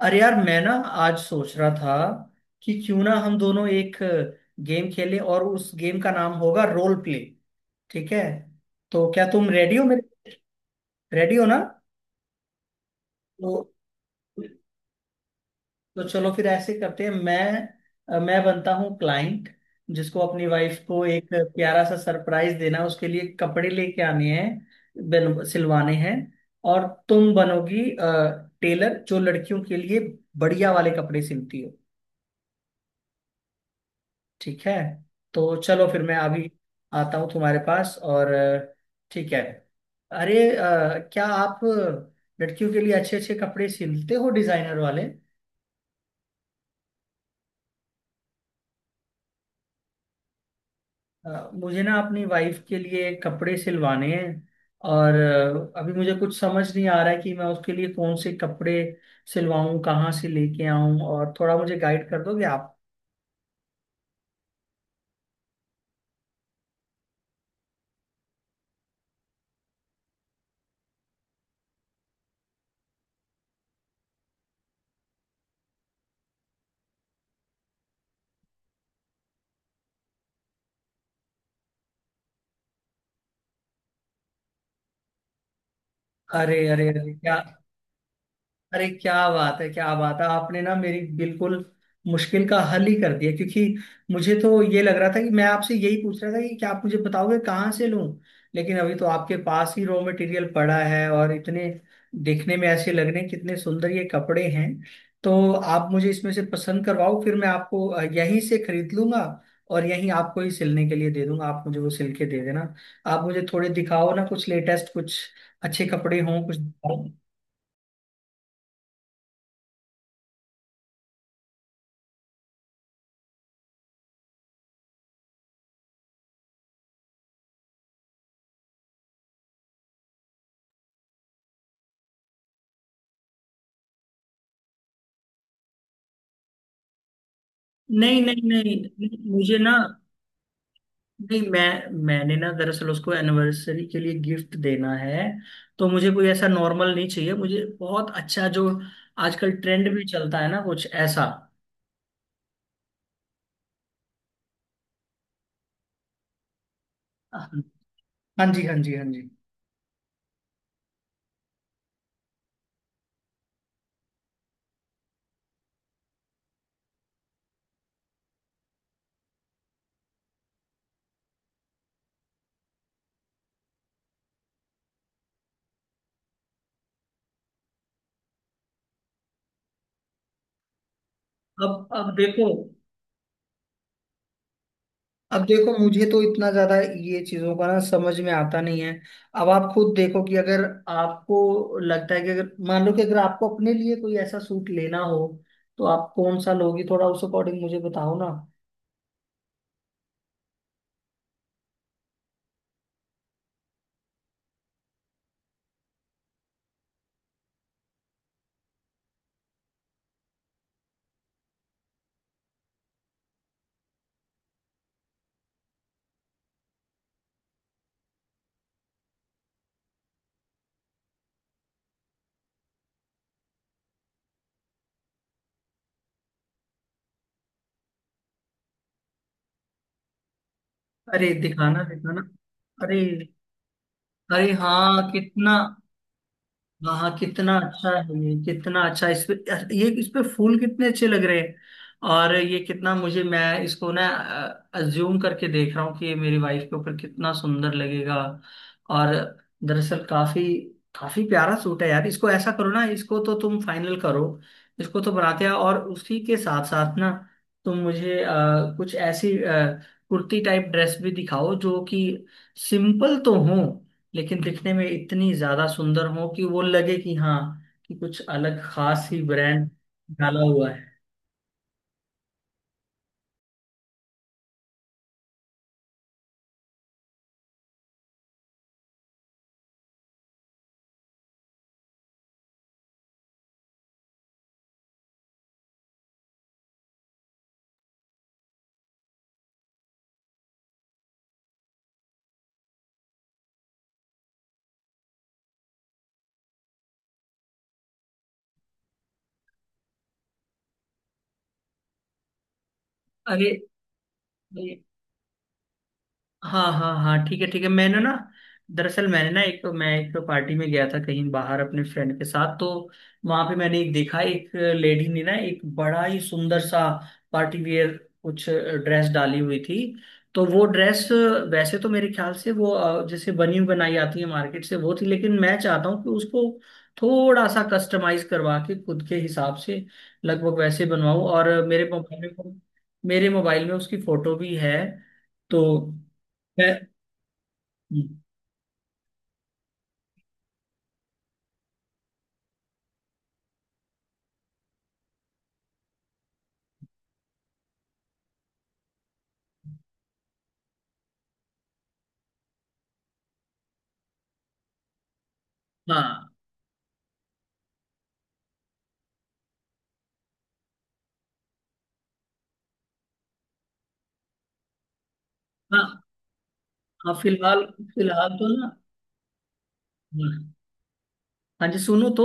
अरे यार मैं ना आज सोच रहा था कि क्यों ना हम दोनों एक गेम खेलें और उस गेम का नाम होगा रोल प्ले। ठीक है, तो क्या तुम रेडी हो मेरे, रेडी हो ना? तो तो चलो फिर ऐसे करते हैं, मैं बनता हूँ क्लाइंट जिसको अपनी वाइफ को एक प्यारा सा सरप्राइज देना है, उसके लिए कपड़े लेके आने हैं, सिलवाने हैं। और तुम बनोगी टेलर जो लड़कियों के लिए बढ़िया वाले कपड़े सिलती हो। ठीक है, तो चलो फिर मैं अभी आता हूँ तुम्हारे पास और ठीक है। अरे क्या आप लड़कियों के लिए अच्छे अच्छे कपड़े सिलते हो, डिजाइनर वाले? मुझे ना अपनी वाइफ के लिए कपड़े सिलवाने हैं, और अभी मुझे कुछ समझ नहीं आ रहा है कि मैं उसके लिए कौन से कपड़े सिलवाऊं, कहाँ से लेके आऊं, और थोड़ा मुझे गाइड कर दोगे आप? अरे अरे अरे क्या, अरे क्या बात है क्या बात है, आपने ना मेरी बिल्कुल मुश्किल का हल ही कर दिया, क्योंकि मुझे तो ये लग रहा था कि मैं आपसे यही पूछ रहा था कि क्या आप मुझे बताओगे कहाँ से लूं, लेकिन अभी तो आपके पास ही रॉ मटेरियल पड़ा है, और इतने देखने में ऐसे लग रहे हैं, कितने सुंदर ये कपड़े हैं। तो आप मुझे इसमें से पसंद करवाओ, फिर मैं आपको यहीं से खरीद लूंगा और यहीं आपको ही सिलने के लिए दे दूंगा, आप मुझे वो सिल के दे देना। आप मुझे थोड़े दिखाओ ना कुछ लेटेस्ट, कुछ अच्छे कपड़े हों कुछ। नहीं नहीं नहीं नहीं, मुझे ना, नहीं मैं, मैंने ना दरअसल उसको एनिवर्सरी के लिए गिफ्ट देना है, तो मुझे कोई ऐसा नॉर्मल नहीं चाहिए, मुझे बहुत अच्छा जो आजकल ट्रेंड भी चलता है ना, कुछ ऐसा। हाँ जी, हाँ जी, हाँ जी। अब देखो, अब देखो मुझे तो इतना ज्यादा ये चीजों का ना समझ में आता नहीं है। अब आप खुद देखो कि अगर आपको लगता है कि अगर मान लो कि अगर आपको अपने लिए कोई ऐसा सूट लेना हो, तो आप कौन सा लोगी, थोड़ा उस अकॉर्डिंग मुझे बताओ ना। अरे दिखाना दिखाना। अरे, अरे हाँ कितना, हाँ हाँ कितना अच्छा है, ये कितना अच्छा, इस पे, ये इस पे फूल कितने अच्छे लग रहे हैं। और ये कितना, मुझे, मैं इसको ना अज्यूम करके देख रहा हूँ कि ये मेरी वाइफ के ऊपर कितना सुंदर लगेगा। और दरअसल काफी काफी प्यारा सूट है यार, इसको ऐसा करो ना, इसको तो तुम फाइनल करो, इसको तो बनाते हैं। और उसी के साथ साथ ना, तुम मुझे कुछ ऐसी कुर्ती टाइप ड्रेस भी दिखाओ जो कि सिंपल तो हो, लेकिन दिखने में इतनी ज्यादा सुंदर हो कि वो लगे कि हाँ, कि कुछ अलग खास ही ब्रांड डाला हुआ है। अरे हाँ हाँ हाँ, ठीक है ठीक है। मैंने ना दरअसल, मैंने ना एक, मैं एक पार्टी में गया था कहीं बाहर अपने फ्रेंड के साथ, तो वहां पे मैंने एक देखा, एक लेडी ने ना एक बड़ा ही सुंदर सा पार्टी वेयर कुछ ड्रेस डाली हुई थी, तो वो ड्रेस वैसे तो मेरे ख्याल से वो जैसे बनी बनाई आती है मार्केट से, वो थी, लेकिन मैं चाहता हूँ कि उसको थोड़ा सा कस्टमाइज करवा के खुद के हिसाब से लगभग वैसे बनवाऊं। और मेरे मोबाइल में उसकी फोटो भी है तो है। हाँ हाँ हाँ, फिलहाल फिलहाल तो ना, हाँ, हाँ जी सुनो तो,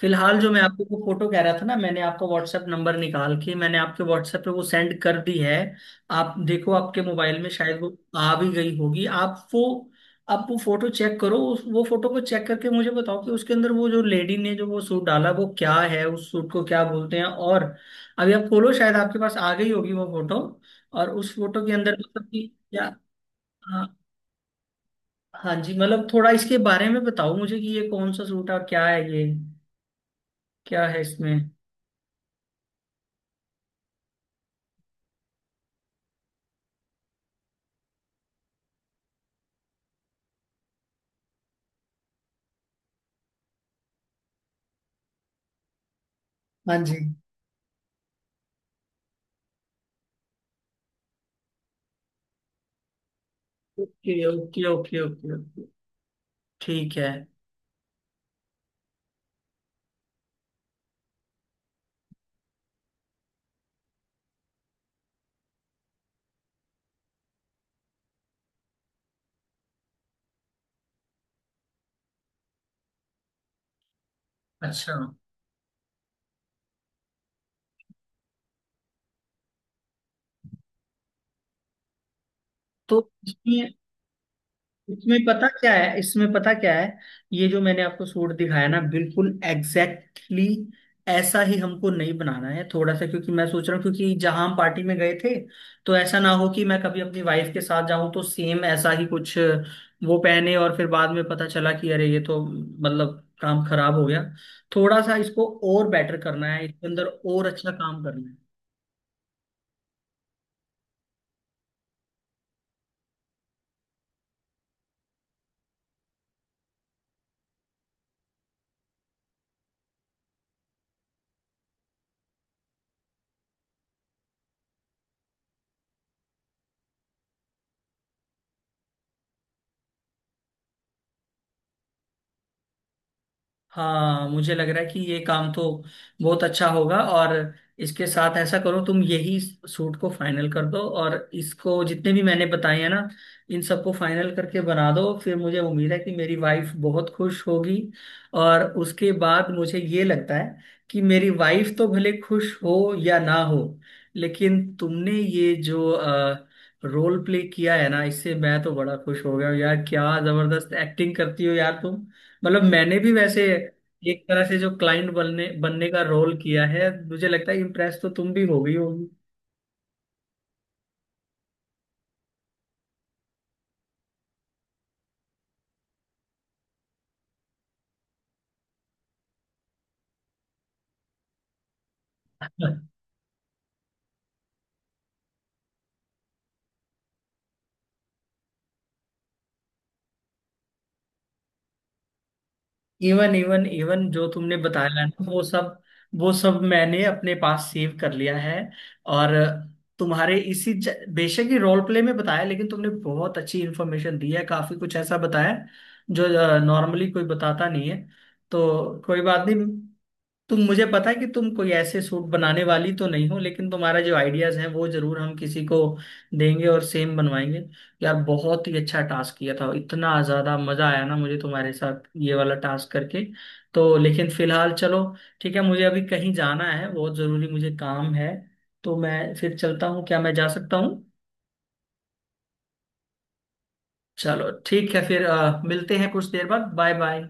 फिलहाल जो मैं आपको वो फोटो कह रहा था ना, मैंने आपका व्हाट्सएप नंबर निकाल के मैंने आपके व्हाट्सएप पे वो सेंड कर दी है। आप देखो आपके मोबाइल में शायद वो आ भी गई होगी, आप वो फोटो चेक करो, वो फोटो को चेक करके मुझे बताओ कि उसके अंदर वो जो लेडी ने जो वो सूट डाला वो क्या है, उस सूट को क्या बोलते हैं, और अभी आप खोलो शायद आपके पास आ गई होगी वो फोटो, और उस फोटो के अंदर मतलब कि क्या। हाँ, हाँ जी मतलब थोड़ा इसके बारे में बताओ मुझे कि ये कौन सा सूट है और क्या है ये, क्या है इसमें। हाँ जी। Okay okay okay okay okay, ठीक है। अच्छा, तो इसमें, इसमें पता क्या है, ये जो मैंने आपको सूट दिखाया ना, बिल्कुल एग्जैक्टली exactly ऐसा ही हमको नहीं बनाना है, थोड़ा सा, क्योंकि मैं सोच रहा हूँ क्योंकि जहां हम पार्टी में गए थे, तो ऐसा ना हो कि मैं कभी अपनी वाइफ के साथ जाऊं तो सेम ऐसा ही कुछ वो पहने, और फिर बाद में पता चला कि अरे ये तो मतलब काम खराब हो गया, थोड़ा सा इसको और बेटर करना है, इसके अंदर और अच्छा काम करना है। हाँ मुझे लग रहा है कि ये काम तो बहुत अच्छा होगा, और इसके साथ ऐसा करो तुम यही सूट को फाइनल कर दो, और इसको जितने भी मैंने बताए हैं ना, इन सबको फाइनल करके बना दो, फिर मुझे उम्मीद है कि मेरी वाइफ बहुत खुश होगी। और उसके बाद मुझे ये लगता है कि मेरी वाइफ तो भले खुश हो या ना हो, लेकिन तुमने ये जो रोल प्ले किया है ना, इससे मैं तो बड़ा खुश हो गया हूँ यार, क्या जबरदस्त एक्टिंग करती हो यार तुम। मतलब मैंने भी वैसे एक तरह से जो क्लाइंट बनने बनने का रोल किया है, मुझे लगता है इम्प्रेस तो तुम भी हो गई होगी। इवन इवन इवन जो तुमने बताया ना, वो सब वो सब मैंने अपने पास सेव कर लिया है। और तुम्हारे इसी बेशक ही रोल प्ले में बताया, लेकिन तुमने बहुत अच्छी इन्फॉर्मेशन दी है, काफी कुछ ऐसा बताया जो नॉर्मली कोई बताता नहीं है, तो कोई बात नहीं। तुम, मुझे पता है कि तुम कोई ऐसे सूट बनाने वाली तो नहीं हो, लेकिन तुम्हारा जो आइडियाज हैं वो जरूर हम किसी को देंगे और सेम बनवाएंगे। यार बहुत ही अच्छा टास्क किया था, इतना ज्यादा मजा आया ना मुझे तुम्हारे साथ ये वाला टास्क करके। तो लेकिन फिलहाल चलो ठीक है, मुझे अभी कहीं जाना है, बहुत जरूरी मुझे काम है, तो मैं फिर चलता हूँ, क्या मैं जा सकता हूँ? चलो ठीक है, फिर मिलते हैं कुछ देर बाद, बाय बाय।